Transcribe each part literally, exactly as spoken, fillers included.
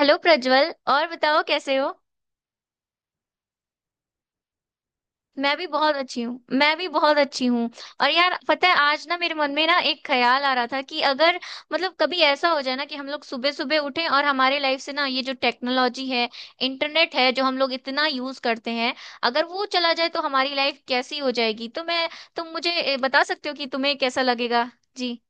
Hello Prajwal, और बताओ कैसे हो। मैं भी बहुत अच्छी हूँ। मैं भी बहुत अच्छी हूँ। और यार, पता है आज ना मेरे मन में ना एक ख्याल आ रहा था कि अगर मतलब कभी ऐसा हो जाए ना कि हम लोग सुबह सुबह उठें, और हमारे लाइफ से ना ये जो टेक्नोलॉजी है, इंटरनेट है जो हम लोग इतना यूज करते हैं, अगर वो चला जाए तो हमारी लाइफ कैसी हो जाएगी। तो मैं तुम मुझे ए, बता सकते हो कि तुम्हें कैसा लगेगा। जी।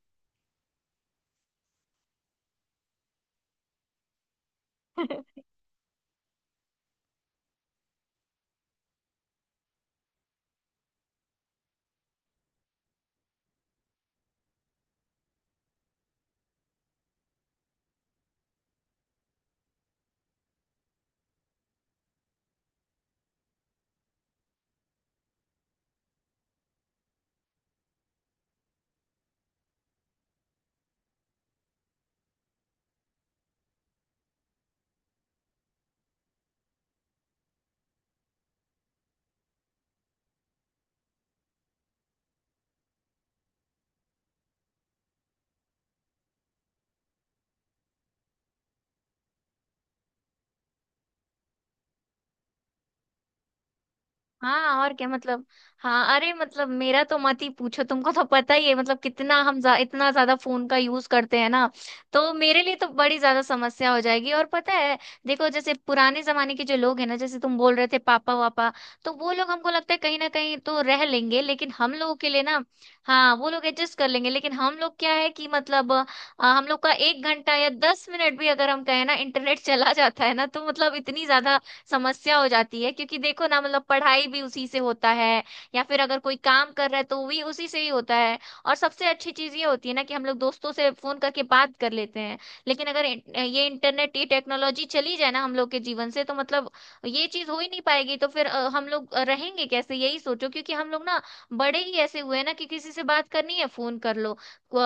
हाँ, और क्या मतलब। हाँ, अरे मतलब मेरा तो मत ही पूछो, तुमको तो पता ही है मतलब कितना हम जा, इतना ज्यादा फोन का यूज करते हैं ना। तो मेरे लिए तो बड़ी ज्यादा समस्या हो जाएगी। और पता है, देखो जैसे पुराने जमाने के जो लोग हैं ना, जैसे तुम बोल रहे थे पापा वापा, तो वो लोग हमको लगता है कहीं ना कहीं तो रह लेंगे, लेकिन हम लोगों के लिए ना। हाँ, वो लोग एडजस्ट कर लेंगे, लेकिन हम लोग क्या है कि मतलब अ, हम लोग का एक घंटा या दस मिनट भी अगर हम कहें ना इंटरनेट चला जाता है ना, तो मतलब इतनी ज्यादा समस्या हो जाती है। क्योंकि देखो ना, मतलब पढ़ाई भी उसी से होता है, या फिर अगर कोई काम कर रहा है तो वो भी उसी से ही होता है। और सबसे अच्छी चीज ये होती है ना कि हम लोग दोस्तों से फोन करके बात कर लेते हैं, लेकिन अगर इन- ये इंटरनेट, ये टेक्नोलॉजी चली जाए ना हम लोग के जीवन से, तो मतलब ये चीज हो ही नहीं पाएगी। तो फिर अ, हम लोग रहेंगे कैसे, यही सोचो। क्योंकि हम लोग ना बड़े ही ऐसे हुए हैं ना कि किसी से बात करनी है फोन कर लो,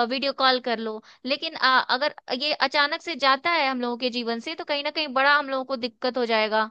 वीडियो कॉल कर लो। लेकिन अ, अगर ये अचानक से जाता है हम लोगों के जीवन से, तो कहीं ना कहीं बड़ा हम लोगों को दिक्कत हो जाएगा।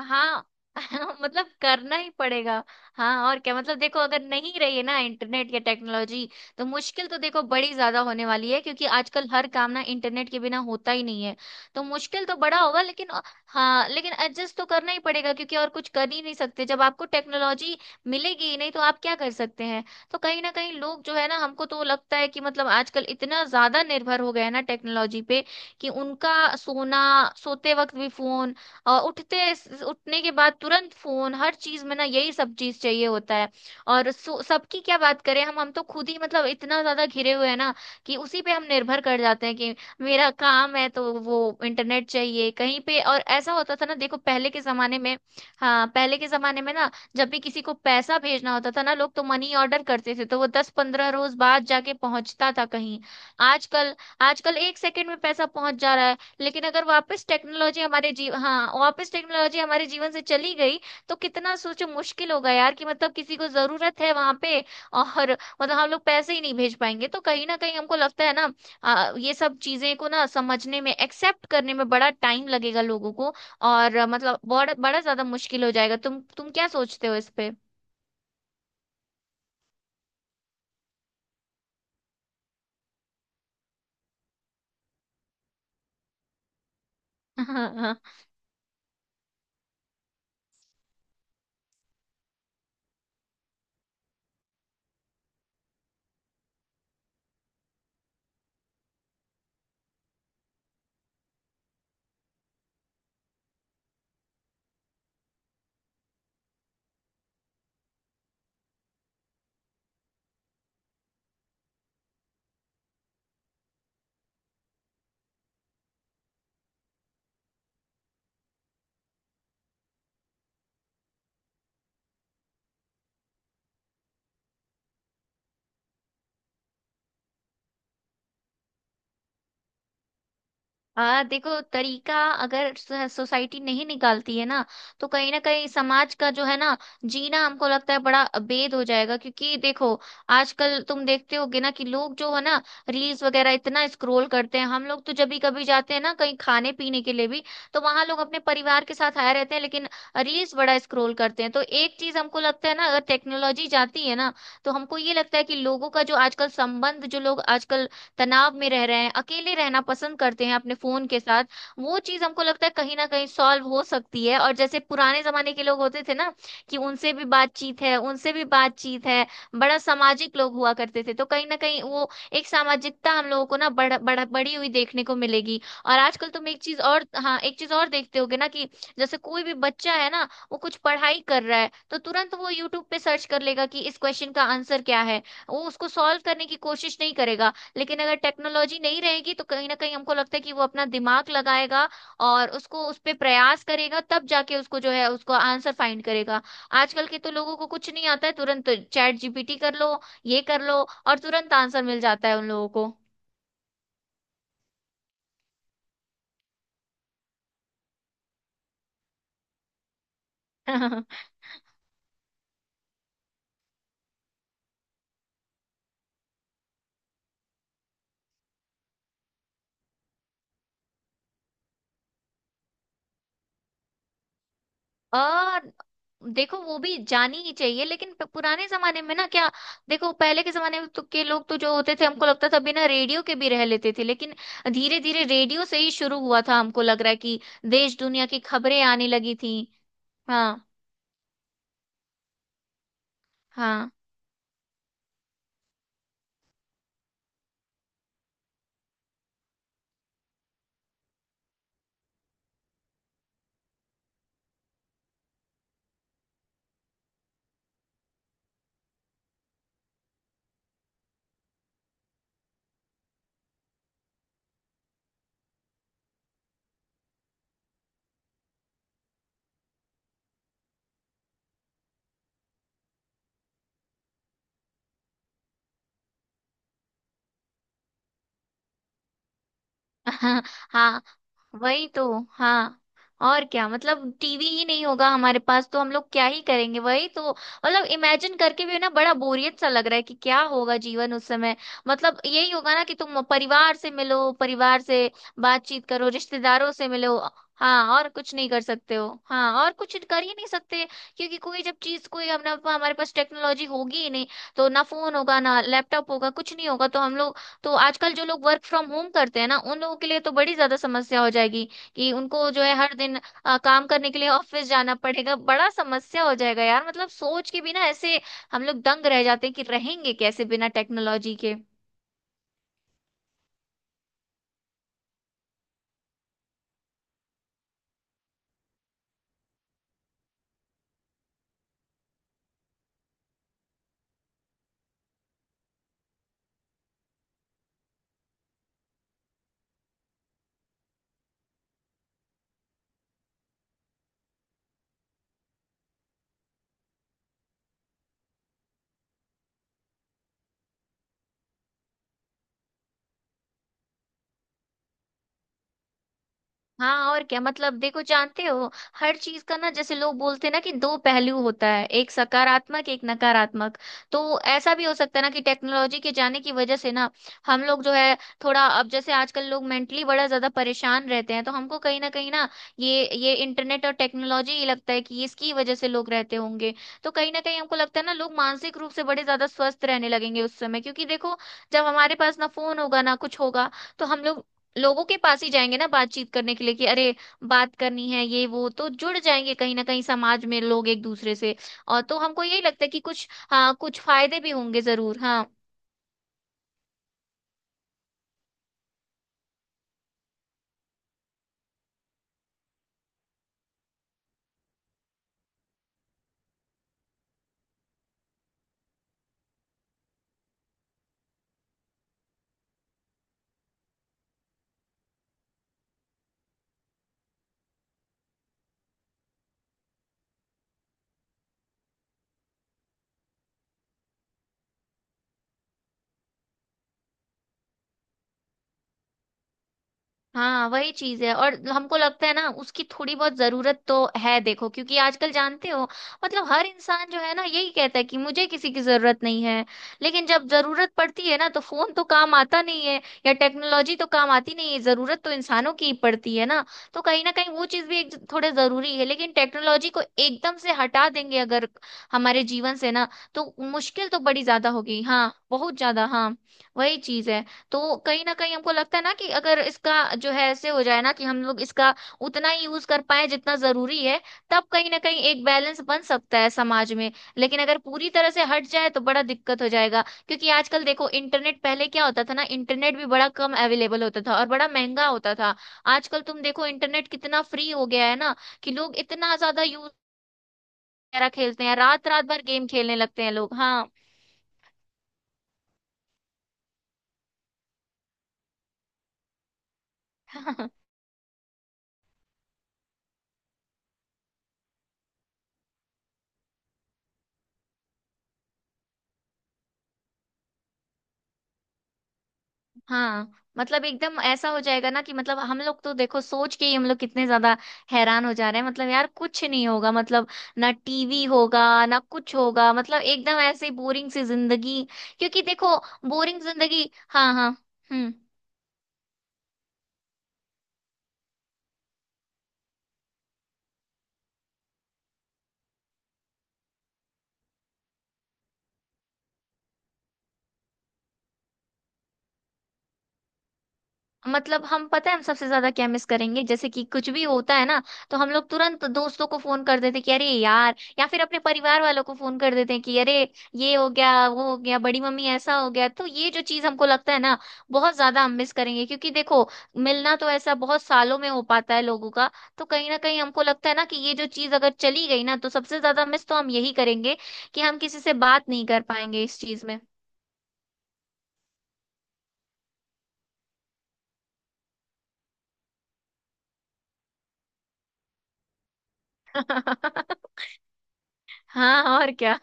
हाँ। मतलब करना ही पड़ेगा। हाँ, और क्या मतलब, देखो अगर नहीं रही है ना इंटरनेट या टेक्नोलॉजी, तो मुश्किल तो देखो बड़ी ज्यादा होने वाली है, क्योंकि आजकल हर काम ना इंटरनेट के बिना होता ही नहीं है। तो मुश्किल तो बड़ा होगा, लेकिन अ, हाँ लेकिन एडजस्ट तो करना ही पड़ेगा, क्योंकि और कुछ कर ही नहीं सकते। जब आपको टेक्नोलॉजी मिलेगी ही नहीं तो आप क्या कर सकते हैं। तो कहीं ना कहीं लोग जो है ना, हमको तो लगता है कि मतलब आजकल इतना ज्यादा निर्भर हो गए हैं ना टेक्नोलॉजी पे, कि उनका सोना, सोते वक्त भी फोन, और उठते उठने के बाद तुरंत फोन, हर चीज में ना यही सब चीज चाहिए होता है। और सो- सबकी क्या बात करें, हम हम तो खुद ही मतलब इतना ज्यादा घिरे हुए हैं ना, कि उसी पे हम निर्भर कर जाते हैं। कि मेरा काम है तो वो इंटरनेट चाहिए कहीं पे। और ऐसा होता था ना देखो पहले के जमाने में। हाँ, पहले के जमाने में ना, जब भी किसी को पैसा भेजना होता था ना लोग तो मनी ऑर्डर करते थे, तो वो दस पंद्रह रोज बाद जाके पहुंचता था कहीं। आजकल आजकल एक सेकंड में पैसा पहुंच जा रहा है। लेकिन अगर वापस टेक्नोलॉजी हमारे जीव हाँ, वापस टेक्नोलॉजी हमारे जीवन से चली गई, तो कितना सोचो मुश्किल होगा यार। कि मतलब किसी को जरूरत है वहां पे, और मतलब हम लोग पैसे ही नहीं भेज पाएंगे। तो कहीं ना कहीं हमको लगता है ना आ, ये सब चीजें को ना समझने में, एक्सेप्ट करने में बड़ा टाइम लगेगा लोगों को। और आ, मतलब बड़ा बड़ा ज्यादा मुश्किल हो जाएगा। तुम तुम क्या सोचते हो इस पे। हाँ, देखो तरीका, अगर सोसाइटी नहीं निकालती है ना, तो कहीं ना कहीं समाज का जो है ना जीना हमको लगता है बड़ा अबेद हो जाएगा। क्योंकि देखो, आजकल तुम देखते होगे ना कि लोग जो है ना रील्स वगैरह इतना स्क्रोल करते हैं। हम लोग तो जब भी कभी जाते हैं ना कहीं खाने पीने के लिए भी, तो वहां लोग अपने परिवार के साथ आए रहते हैं, लेकिन रील्स बड़ा स्क्रोल करते हैं। तो एक चीज हमको लगता है ना, अगर टेक्नोलॉजी जाती है ना तो हमको ये लगता है कि लोगों का जो आजकल संबंध, जो लोग आजकल तनाव में रह रहे हैं, अकेले रहना पसंद करते हैं अपने फोन के साथ, वो चीज हमको लगता है कहीं ना कहीं सॉल्व हो सकती है। और जैसे पुराने जमाने के लोग होते थे ना कि उनसे भी बातचीत है उनसे भी बातचीत है बड़ा सामाजिक लोग हुआ करते थे। तो कहीं ना कहीं वो एक सामाजिकता हम लोगों को ना बड़, बड़, बड़ी हुई देखने को मिलेगी। और आजकल तुम एक चीज और हाँ एक चीज और देखते होगे ना, कि जैसे कोई भी बच्चा है ना, वो कुछ पढ़ाई कर रहा है तो तुरंत वो यूट्यूब पे सर्च कर लेगा कि इस क्वेश्चन का आंसर क्या है, वो उसको सॉल्व करने की कोशिश नहीं करेगा। लेकिन अगर टेक्नोलॉजी नहीं रहेगी तो कहीं ना कहीं हमको लगता है कि वो अपना दिमाग लगाएगा और उसको उस पे प्रयास करेगा, तब जाके उसको जो है उसको आंसर फाइंड करेगा। आजकल के तो लोगों को कुछ नहीं आता है, तुरंत चैट जीपीटी कर लो, ये कर लो और तुरंत आंसर मिल जाता है उन लोगों को। आ, देखो वो भी जानी ही चाहिए, लेकिन प- पुराने जमाने में ना क्या, देखो पहले के जमाने में तो के लोग तो जो होते थे हमको लगता था बिना रेडियो के भी रह लेते थे, लेकिन धीरे धीरे रेडियो से ही शुरू हुआ था हमको लग रहा है कि देश दुनिया की खबरें आने लगी थी। हाँ, हाँ। हाँ, वही तो। हाँ, और क्या मतलब, टीवी ही नहीं होगा हमारे पास तो हम लोग क्या ही करेंगे। वही तो, मतलब इमेजिन करके भी ना बड़ा बोरियत सा लग रहा है कि क्या होगा जीवन उस समय। मतलब यही होगा ना कि तुम परिवार से मिलो, परिवार से बातचीत करो, रिश्तेदारों से मिलो। हाँ, और कुछ नहीं कर सकते हो। हाँ, और कुछ कर ही नहीं सकते, क्योंकि कोई जब चीज कोई हम ना हमारे पास टेक्नोलॉजी होगी ही नहीं, तो ना फोन होगा ना लैपटॉप होगा, कुछ नहीं होगा। तो हम लोग, तो आजकल जो लोग वर्क फ्रॉम होम करते हैं ना उन लोगों के लिए तो बड़ी ज्यादा समस्या हो जाएगी। कि उनको जो है हर दिन अ, काम करने के लिए ऑफिस जाना पड़ेगा, बड़ा समस्या हो जाएगा यार। मतलब सोच के भी ना ऐसे हम लोग दंग रह जाते हैं कि रहेंगे कैसे बिना टेक्नोलॉजी के। हाँ, और क्या मतलब, देखो जानते हो, हर चीज का ना जैसे लोग बोलते हैं ना कि दो पहलू होता है, एक सकारात्मक, एक नकारात्मक। तो ऐसा भी हो सकता है ना कि टेक्नोलॉजी के जाने की वजह से ना, हम लोग जो है थोड़ा, अब जैसे आजकल लोग मेंटली बड़ा ज्यादा परेशान रहते हैं, तो हमको कहीं ना कहीं ना ये ये इंटरनेट और टेक्नोलॉजी ही लगता है कि इसकी वजह से लोग रहते होंगे। तो कहीं ना कहीं हमको लगता है ना लोग मानसिक रूप से बड़े ज्यादा स्वस्थ रहने लगेंगे उस समय, क्योंकि देखो जब हमारे पास ना फोन होगा ना कुछ होगा, तो हम लोग लोगों के पास ही जाएंगे ना बातचीत करने के लिए कि अरे बात करनी है ये वो, तो जुड़ जाएंगे कहीं ना कहीं समाज में लोग एक दूसरे से। और तो हमको यही लगता है कि कुछ, हाँ, कुछ फायदे भी होंगे जरूर। हाँ, हाँ, वही चीज है। और हमको लगता है ना उसकी थोड़ी बहुत जरूरत तो है, देखो क्योंकि आजकल जानते हो, मतलब हर इंसान जो है ना यही कहता है कि मुझे किसी की जरूरत नहीं है, लेकिन जब जरूरत पड़ती है ना तो फोन तो काम आता नहीं है, या टेक्नोलॉजी तो काम आती नहीं है, जरूरत तो इंसानों की ही पड़ती है ना। तो कहीं ना कहीं वो चीज भी एक थोड़े जरूरी है। लेकिन टेक्नोलॉजी को एकदम से हटा देंगे अगर हमारे जीवन से ना, तो मुश्किल तो बड़ी ज्यादा होगी। हाँ, बहुत ज्यादा। हाँ, वही चीज है। तो कहीं ना कहीं हमको लगता है ना कि अगर इसका जो है ऐसे हो जाए ना कि हम लोग इसका उतना ही यूज कर पाए जितना जरूरी है, तब कहीं ना कहीं एक बैलेंस बन सकता है समाज में। लेकिन अगर पूरी तरह से हट जाए तो बड़ा दिक्कत हो जाएगा। क्योंकि आजकल देखो, इंटरनेट पहले क्या होता था ना, इंटरनेट भी बड़ा कम अवेलेबल होता था और बड़ा महंगा होता था। आजकल तुम देखो इंटरनेट कितना फ्री हो गया है ना, कि लोग इतना ज्यादा यूज, खेलते हैं रात रात भर गेम खेलने लगते हैं लोग। हाँ। हाँ, मतलब एकदम ऐसा हो जाएगा ना कि मतलब हम लोग तो देखो सोच के ही हम लोग कितने ज्यादा हैरान हो जा रहे हैं। मतलब यार कुछ नहीं होगा, मतलब ना टीवी होगा ना कुछ होगा, मतलब एकदम ऐसे बोरिंग सी जिंदगी, क्योंकि देखो बोरिंग जिंदगी। हाँ, हाँ, हम्म। मतलब हम पता है हम सबसे ज्यादा क्या मिस करेंगे, जैसे कि कुछ भी होता है ना तो हम लोग तुरंत दोस्तों को फोन कर देते हैं कि अरे यार, या फिर अपने परिवार वालों को फोन कर देते हैं कि अरे ये हो गया वो हो गया, बड़ी मम्मी ऐसा हो गया, तो ये जो चीज हमको लगता है ना बहुत ज्यादा हम मिस करेंगे। क्योंकि देखो मिलना तो ऐसा बहुत सालों में हो पाता है लोगों का। तो कहीं ना कहीं हमको लगता है ना कि ये जो चीज अगर चली गई ना, तो सबसे ज्यादा मिस तो हम यही करेंगे कि हम किसी से बात नहीं कर पाएंगे इस चीज में। हाँ, और क्या,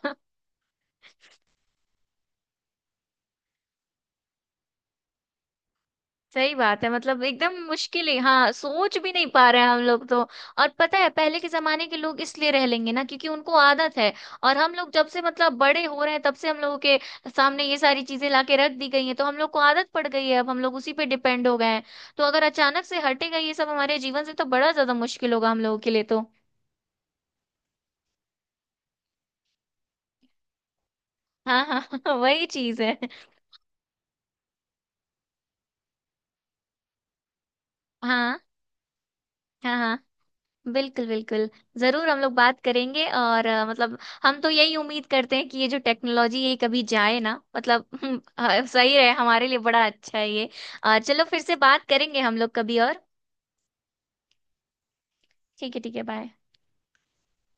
सही बात है। मतलब एकदम मुश्किल है। हाँ, सोच भी नहीं पा रहे हैं हम लोग तो। और पता है पहले के जमाने के लोग इसलिए रह लेंगे ना क्योंकि उनको आदत है, और हम लोग जब से मतलब बड़े हो रहे हैं तब से हम लोगों के सामने ये सारी चीजें लाके रख दी गई हैं, तो हम लोग को आदत पड़ गई है अब हम लोग उसी पे डिपेंड हो गए हैं। तो अगर अचानक से हटेगा ये सब हमारे जीवन से, तो बड़ा ज्यादा मुश्किल होगा हम लोगों के लिए तो। हाँ, हाँ। वही चीज है। हाँ, हाँ, हाँ, बिल्कुल बिल्कुल, जरूर हम लोग बात करेंगे। और अ, मतलब हम तो यही उम्मीद करते हैं कि ये जो टेक्नोलॉजी ये कभी जाए ना मतलब। हम्म, अ, सही है हमारे लिए, बड़ा अच्छा है ये। अ, चलो फिर से बात करेंगे हम लोग कभी और। ठीक है, ठीक है, बाय।